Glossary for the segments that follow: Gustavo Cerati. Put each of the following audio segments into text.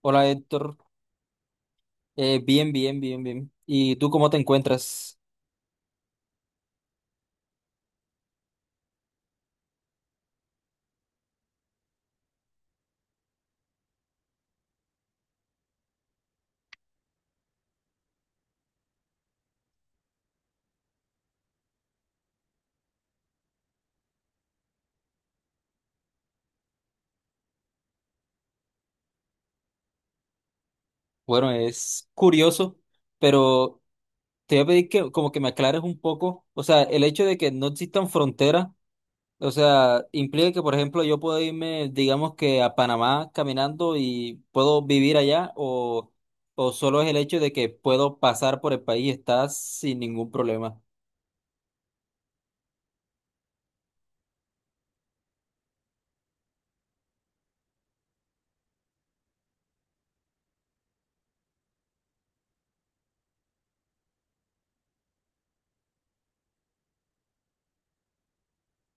Hola Héctor. Bien, bien. ¿Y tú cómo te encuentras? Bueno, es curioso, pero te voy a pedir que como que me aclares un poco, o sea, el hecho de que no existan fronteras, o sea, implica que, por ejemplo, yo puedo irme, digamos que a Panamá caminando y puedo vivir allá, o solo es el hecho de que puedo pasar por el país y estar sin ningún problema.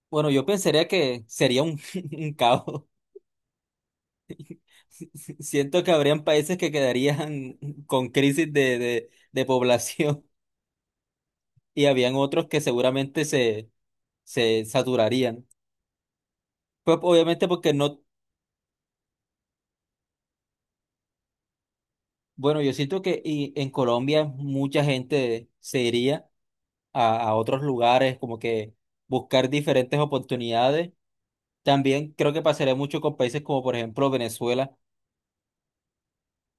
Bueno, yo pensaría que sería un, un caos. Si, si, Siento que habrían países que quedarían con crisis de población y habían otros que seguramente se saturarían. Pues obviamente porque no, bueno, yo siento que y en Colombia mucha gente se iría a otros lugares, como que buscar diferentes oportunidades. También creo que pasaría mucho con países como por ejemplo Venezuela,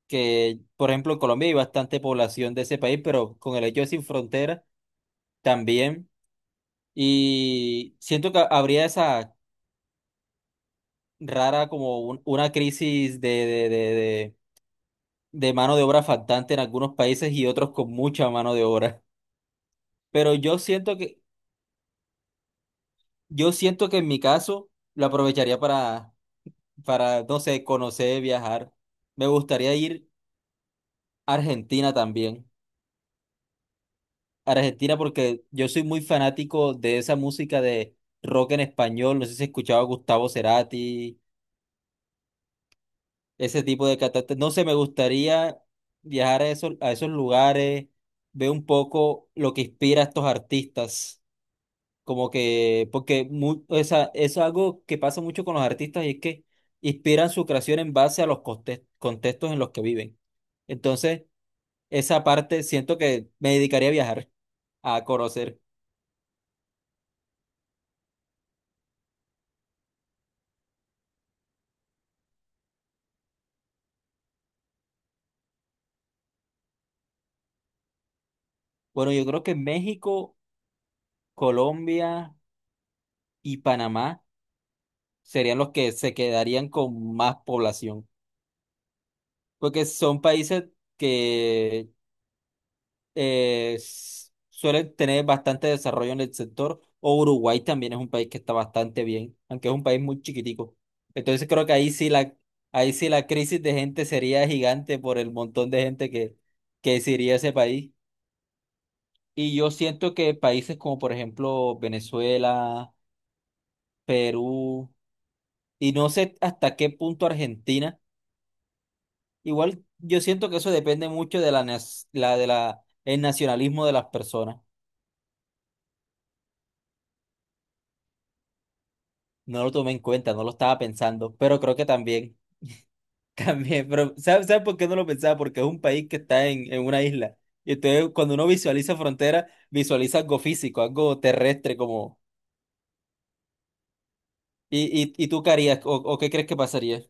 que por ejemplo en Colombia hay bastante población de ese país, pero con el hecho de sin fronteras también. Y siento que habría esa rara como una crisis de, de mano de obra faltante en algunos países y otros con mucha mano de obra. Pero yo siento que en mi caso lo aprovecharía para, no sé, conocer, viajar. Me gustaría ir a Argentina también. Argentina porque yo soy muy fanático de esa música de rock en español. No sé si has escuchado a Gustavo Cerati ese tipo de catástrofes. No sé, me gustaría viajar a a esos lugares, ver un poco lo que inspira a estos artistas. Como que, porque o sea, es algo que pasa mucho con los artistas y es que inspiran su creación en base a los contextos en los que viven. Entonces, esa parte siento que me dedicaría a viajar, a conocer. Bueno, yo creo que México, Colombia y Panamá serían los que se quedarían con más población, porque son países que suelen tener bastante desarrollo en el sector, o Uruguay también es un país que está bastante bien, aunque es un país muy chiquitico. Entonces creo que ahí sí la crisis de gente sería gigante por el montón de gente que se iría a ese país. Y yo siento que países como por ejemplo Venezuela, Perú, y no sé hasta qué punto Argentina. Igual yo siento que eso depende mucho de la, nas- la, de la, el nacionalismo de las personas. No lo tomé en cuenta, no lo estaba pensando, pero creo que también, también, pero ¿sabes, sabes por qué no lo pensaba? Porque es un país que está en una isla. Y entonces cuando uno visualiza frontera, visualiza algo físico, algo terrestre como... ¿Y, y tú qué harías o qué crees que pasaría?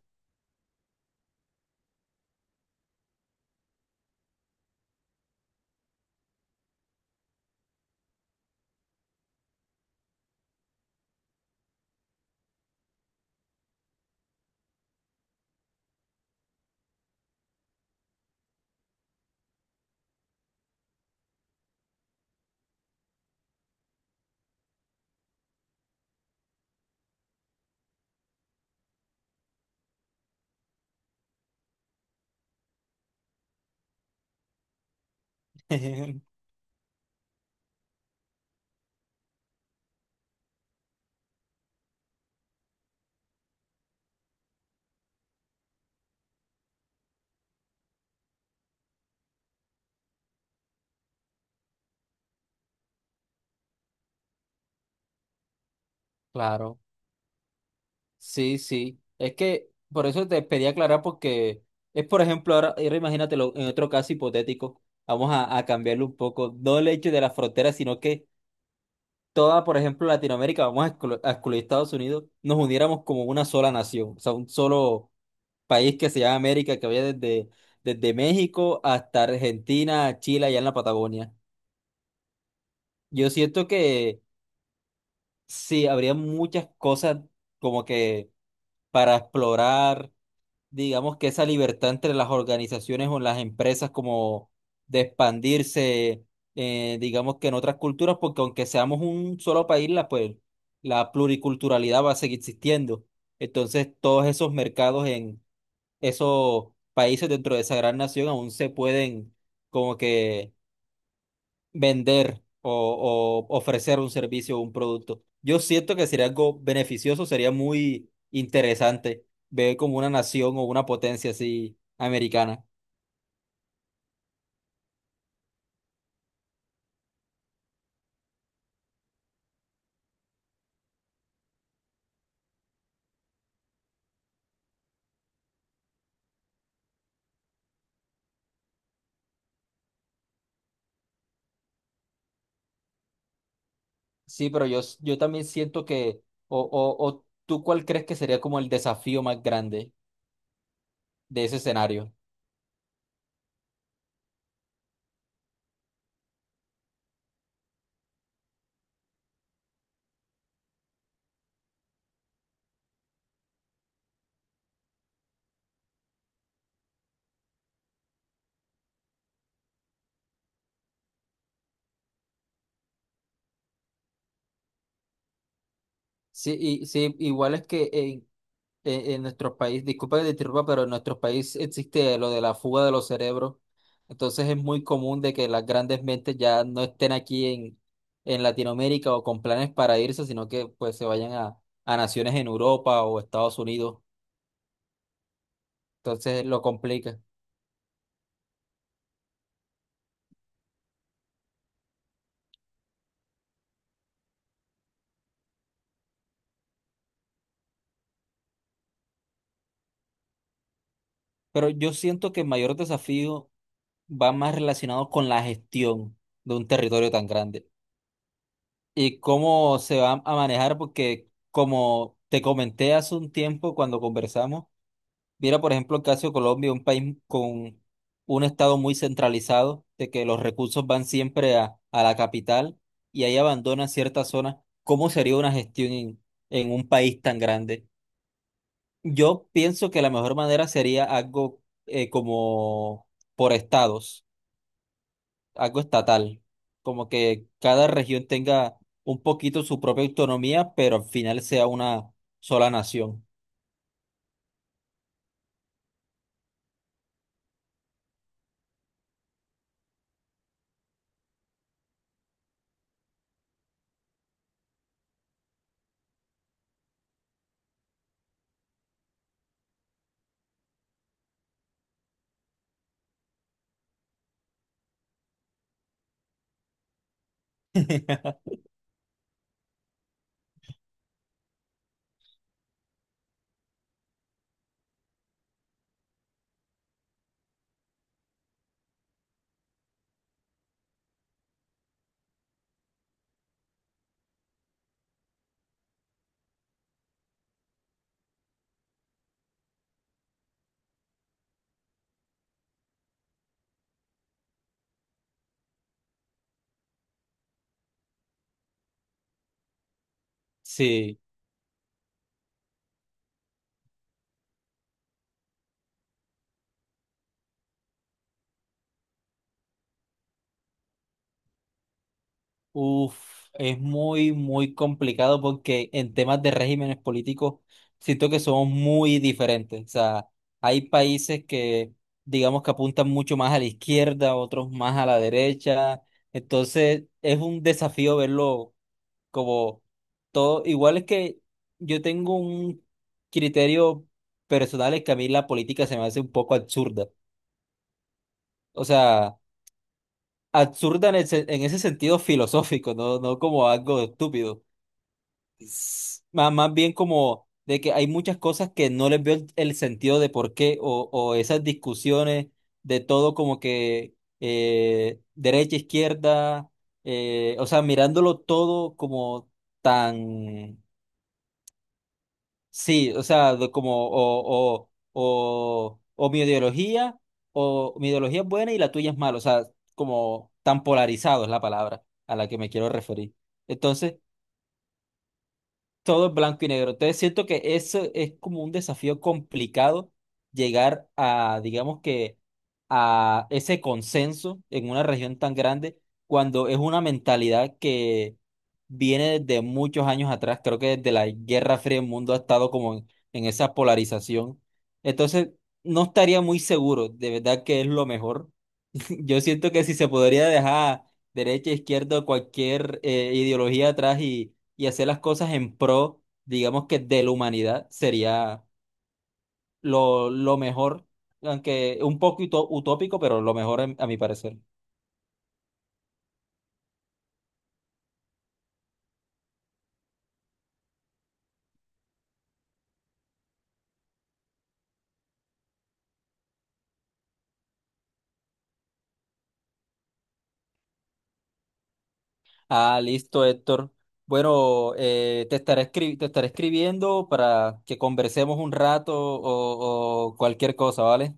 Claro. Sí, sí. Es que por eso te pedí aclarar porque es, por ejemplo, ahora imagínatelo en otro caso hipotético, vamos a cambiarlo un poco, no el hecho de la frontera, sino que toda, por ejemplo, Latinoamérica, vamos a a excluir Estados Unidos, nos uniéramos como una sola nación, o sea, un solo país que se llama América, que vaya desde, desde México hasta Argentina, Chile, allá en la Patagonia. Yo siento que sí, habría muchas cosas como que para explorar, digamos que esa libertad entre las organizaciones o las empresas como de expandirse, digamos que en otras culturas, porque aunque seamos un solo país, la, pues, la pluriculturalidad va a seguir existiendo. Entonces, todos esos mercados en esos países dentro de esa gran nación aún se pueden como que vender o ofrecer un servicio o un producto. Yo siento que sería algo beneficioso, sería muy interesante ver como una nación o una potencia así americana. Sí, pero yo también siento que, o tú cuál crees que sería como el desafío más grande de ese escenario. Sí, y, sí, igual es que en nuestros países, disculpa que te interrumpa, pero en nuestros países existe lo de la fuga de los cerebros. Entonces es muy común de que las grandes mentes ya no estén aquí en Latinoamérica o con planes para irse, sino que pues se vayan a naciones en Europa o Estados Unidos. Entonces lo complica. Pero yo siento que el mayor desafío va más relacionado con la gestión de un territorio tan grande, y cómo se va a manejar, porque como te comenté hace un tiempo cuando conversamos, mira, por ejemplo, el caso de Colombia, un país con un estado muy centralizado, de que los recursos van siempre a la capital y ahí abandonan ciertas zonas. ¿Cómo sería una gestión en un país tan grande? Yo pienso que la mejor manera sería algo como por estados, algo estatal, como que cada región tenga un poquito su propia autonomía, pero al final sea una sola nación. Sí, uff, es muy, muy complicado porque en temas de regímenes políticos siento que somos muy diferentes. O sea, hay países que digamos que apuntan mucho más a la izquierda, otros más a la derecha. Entonces es un desafío verlo como todo, igual es que yo tengo un criterio personal es que a mí la política se me hace un poco absurda. O sea, absurda en, en ese sentido filosófico, no, no como algo estúpido. Más, más bien como de que hay muchas cosas que no les veo el sentido de por qué o esas discusiones de todo como que derecha, izquierda, o sea, mirándolo todo como tan... Sí, o sea, de como o mi ideología es buena y la tuya es mala, o sea, como tan polarizado es la palabra a la que me quiero referir. Entonces, todo es blanco y negro. Entonces siento que eso es como un desafío complicado llegar a, digamos que, a ese consenso en una región tan grande cuando es una mentalidad que viene desde muchos años atrás. Creo que desde la Guerra Fría el mundo ha estado como en esa polarización. Entonces no estaría muy seguro, de verdad que es lo mejor yo siento que si se podría dejar derecha, e izquierda, cualquier ideología atrás y hacer las cosas en pro, digamos que de la humanidad, sería lo mejor, aunque un poco utópico, pero lo mejor a mi parecer. Ah, listo, Héctor. Bueno, te estaré te estaré escribiendo para que conversemos un rato o cualquier cosa, ¿vale?